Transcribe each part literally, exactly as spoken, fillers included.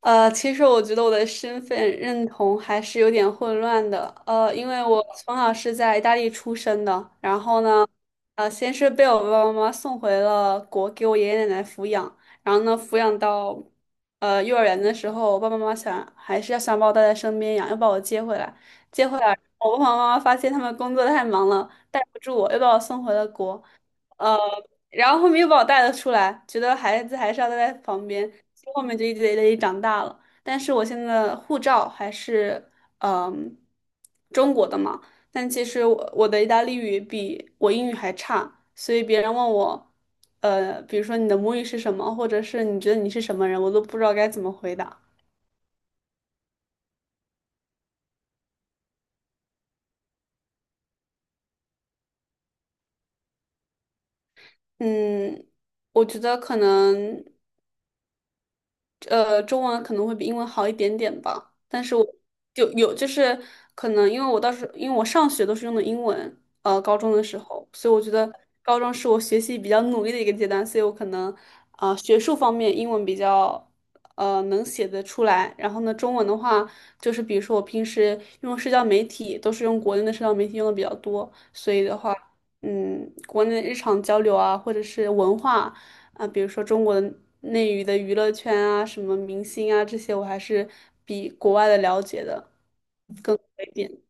呃，其实我觉得我的身份认同还是有点混乱的。呃，因为我从小是在意大利出生的，然后呢，呃，先是被我爸爸妈妈送回了国，给我爷爷奶奶抚养，然后呢，抚养到呃幼儿园的时候，我爸爸妈妈想还是要想把我带在身边养，要把我接回来，接回来，我爸爸妈妈发现他们工作太忙了，带不住我，又把我送回了国。呃然后后面又把我带了出来，觉得孩子还是要待在旁边，所以后面就一直在那里长大了。但是我现在的护照还是嗯中国的嘛，但其实我我的意大利语比我英语还差，所以别人问我，呃，比如说你的母语是什么，或者是你觉得你是什么人，我都不知道该怎么回答。嗯，我觉得可能。呃，中文可能会比英文好一点点吧，但是我就有就是可能因为我当时因为我上学都是用的英文，呃，高中的时候，所以我觉得高中是我学习比较努力的一个阶段，所以我可能啊、呃学术方面英文比较呃能写得出来，然后呢，中文的话就是比如说我平时用社交媒体都是用国内的社交媒体用的比较多，所以的话，嗯，国内日常交流啊，或者是文化。啊，比如说中国的内娱的娱乐圈啊，什么明星啊这些，我还是比国外的了解的一点。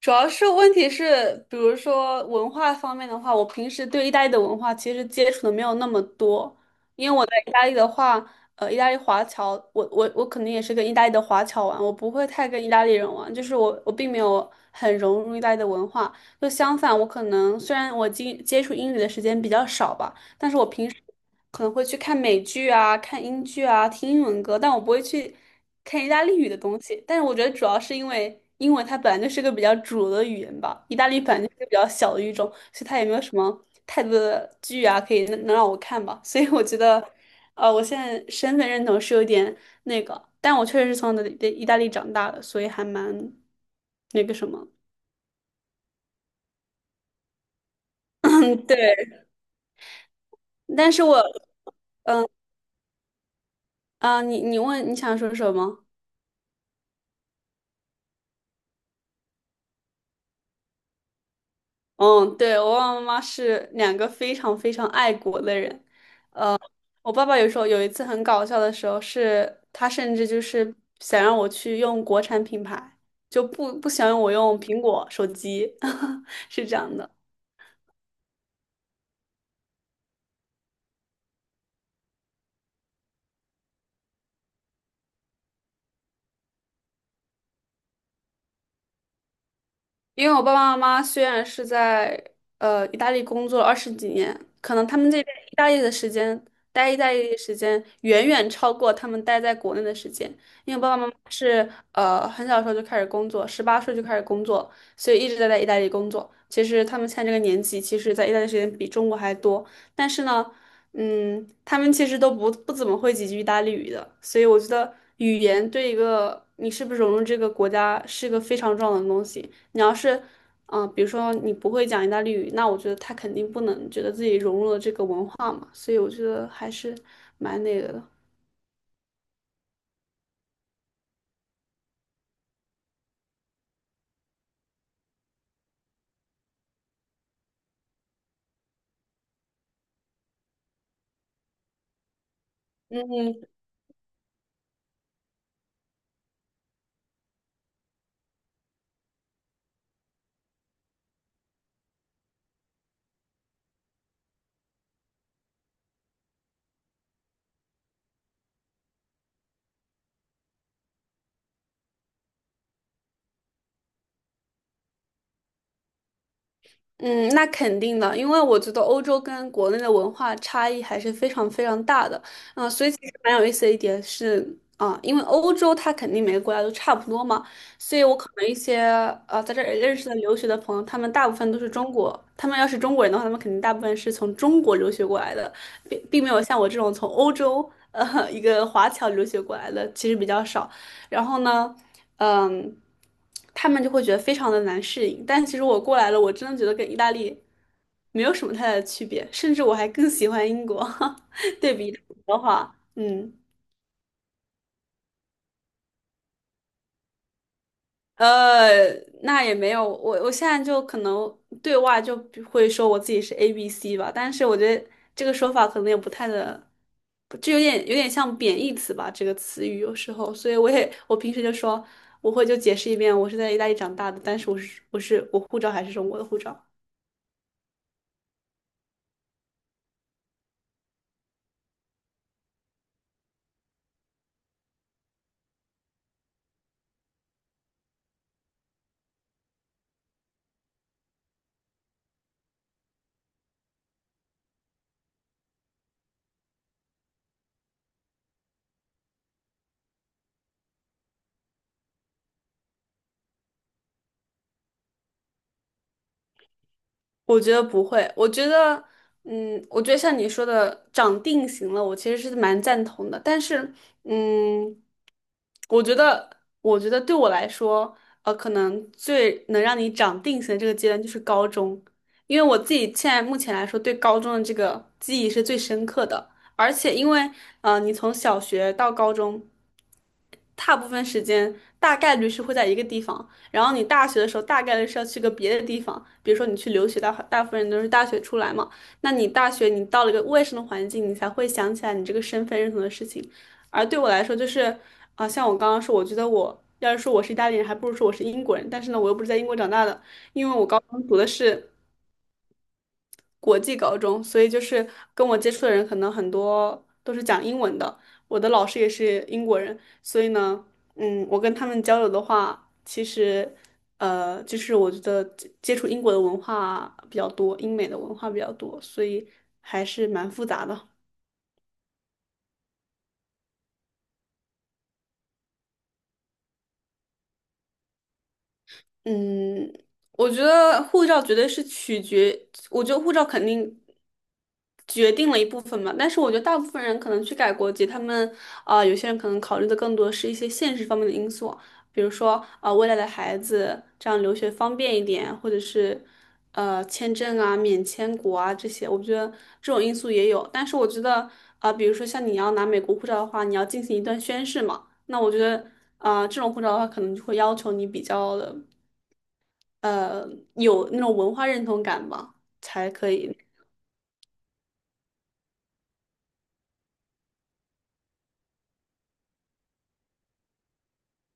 主要是问题是，比如说文化方面的话，我平时对意大利的文化其实接触的没有那么多，因为我在意大利的话，呃，意大利华侨，我我我肯定也是跟意大利的华侨玩，我不会太跟意大利人玩，就是我我并没有很融入意大利的文化，就相反，我可能虽然我接接触英语的时间比较少吧。但是我平可能会去看美剧啊、看英剧啊、听英文歌，但我不会去看意大利语的东西。但是我觉得主要是因为英文它本来就是个比较主流的语言吧，意大利本来就是个比较小的语种，所以它也没有什么太多的剧啊可以能能让我看吧。所以我觉得，呃，我现在身份认同是有点那个，但我确实是从的意大利长大的，所以还蛮那个什么。嗯，对。但是我啊、你你问你想说什么？嗯，对，我爸爸妈妈是两个非常非常爱国的人。呃，我爸爸有时候有一次很搞笑的时候是，他甚至就是想让我去用国产品牌，就不不想让我用苹果手机，是这样的。因为我爸爸妈妈虽然是在呃意大利工作了二十几年，可能他们这边意大利的时间，待意大利的时间远远超过他们待在国内的时间。因为我爸爸妈妈是呃很小的时候就开始工作，十八岁就开始工作，所以一直在在意大利工作。其实他们现在这个年纪，其实在意大利时间比中国还多，但是呢，嗯，他们其实都不不怎么会几句意大利语的，所以我觉得语言对一个你是不是融入这个国家是一个非常重要的东西。你要是，嗯、比如说你不会讲意大利语，那我觉得他肯定不能觉得自己融入了这个文化嘛，所以我觉得还是蛮那个的。嗯，嗯，那肯定的，因为我觉得欧洲跟国内的文化差异还是非常非常大的。嗯、所以其实蛮有意思的一点是，啊、因为欧洲它肯定每个国家都差不多嘛，所以我可能一些呃在这儿认识的留学的朋友，他们大部分都是中国，他们要是中国人的话，他们肯定大部分是从中国留学过来的，并并没有像我这种从欧洲呃一个华侨留学过来的，其实比较少。然后呢？嗯，他们就会觉得非常的难适应。但其实我过来了，我真的觉得跟意大利没有什么太大的区别，甚至我还更喜欢英国。对比的话，嗯，呃，那也没有，我我现在就可能对外就会说我自己是 A B C 吧，但是我觉得这个说法可能也不太的，就有点有点像贬义词吧，这个词语有时候，所以我也我平时就说。我会就解释一遍，我是在意大利长大的，但是我是我是我护照还是中国的护照。我觉得不会，我觉得，嗯，我觉得像你说的长定型了，我其实是蛮赞同的。但是，嗯，我觉得，我觉得对我来说，呃，可能最能让你长定型的这个阶段就是高中，因为我自己现在目前来说，对高中的这个记忆是最深刻的。而且，因为，呃，你从小学到高中，大部分时间大概率是会在一个地方。然后你大学的时候大概率是要去个别的地方，比如说你去留学，大大部分人都是大学出来嘛。那你大学你到了一个陌生的环境，你才会想起来你这个身份认同的事情。而对我来说，就是啊、像我刚刚说，我觉得我要是说我是意大利人，还不如说我是英国人。但是呢，我又不是在英国长大的，因为我高中读的是国际高中，所以就是跟我接触的人可能很多都是讲英文的。我的老师也是英国人，所以呢，嗯，我跟他们交流的话，其实呃，就是我觉得接接触英国的文化比较多，英美的文化比较多，所以还是蛮复杂的。嗯，我觉得护照绝对是取决，我觉得护照肯定决定了一部分嘛。但是我觉得大部分人可能去改国籍，他们啊、有些人可能考虑的更多是一些现实方面的因素，比如说啊、未来的孩子这样留学方便一点，或者是呃签证啊、免签国啊这些，我觉得这种因素也有。但是我觉得啊、比如说像你要拿美国护照的话，你要进行一段宣誓嘛，那我觉得啊、这种护照的话，可能就会要求你比较的。呃有那种文化认同感吧，才可以。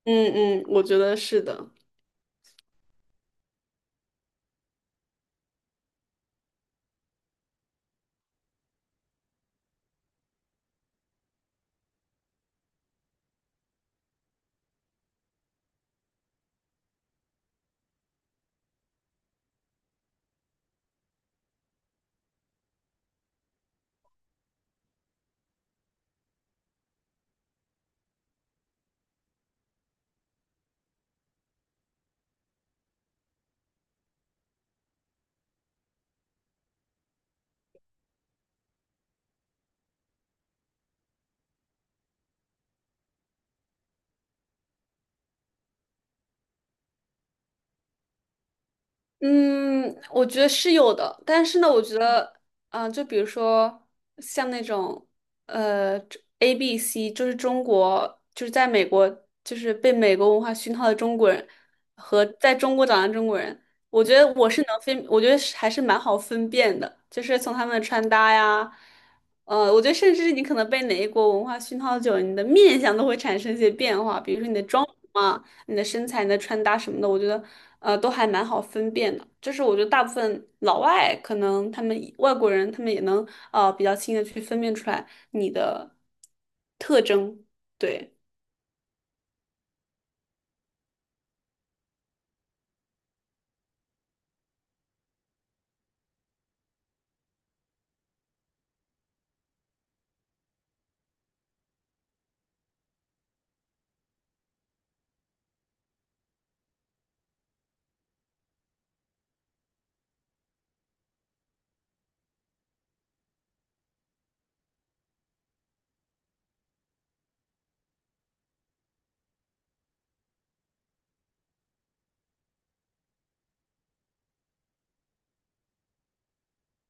嗯嗯，我觉得是的。嗯，我觉得是有的，但是呢，我觉得，啊、就比如说像那种，呃，A B C,就是中国，就是在美国，就是被美国文化熏陶的中国人和在中国长大的中国人，我觉得我是能分，我觉得是还是蛮好分辨的，就是从他们的穿搭呀，呃，我觉得甚至是你可能被哪一国文化熏陶久了，你的面相都会产生一些变化，比如说你的妆容啊。你的身材、你的穿搭什么的，我觉得呃都还蛮好分辨的。就是我觉得大部分老外可能他们外国人他们也能呃比较轻易的去分辨出来你的特征。对。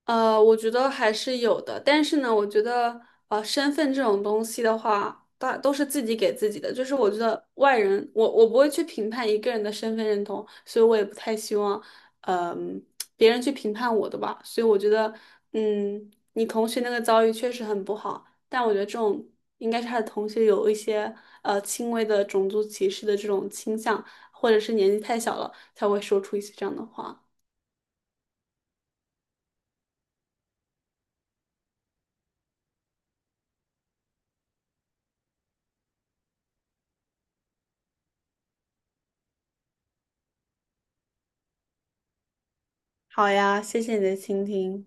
呃，我觉得还是有的，但是呢，我觉得呃，身份这种东西的话，大都是自己给自己的。就是我觉得外人，我我不会去评判一个人的身份认同，所以我也不太希望，嗯、别人去评判我的吧。所以我觉得，嗯，你同学那个遭遇确实很不好，但我觉得这种应该是他的同学有一些呃轻微的种族歧视的这种倾向，或者是年纪太小了才会说出一些这样的话。好呀，谢谢你的倾听。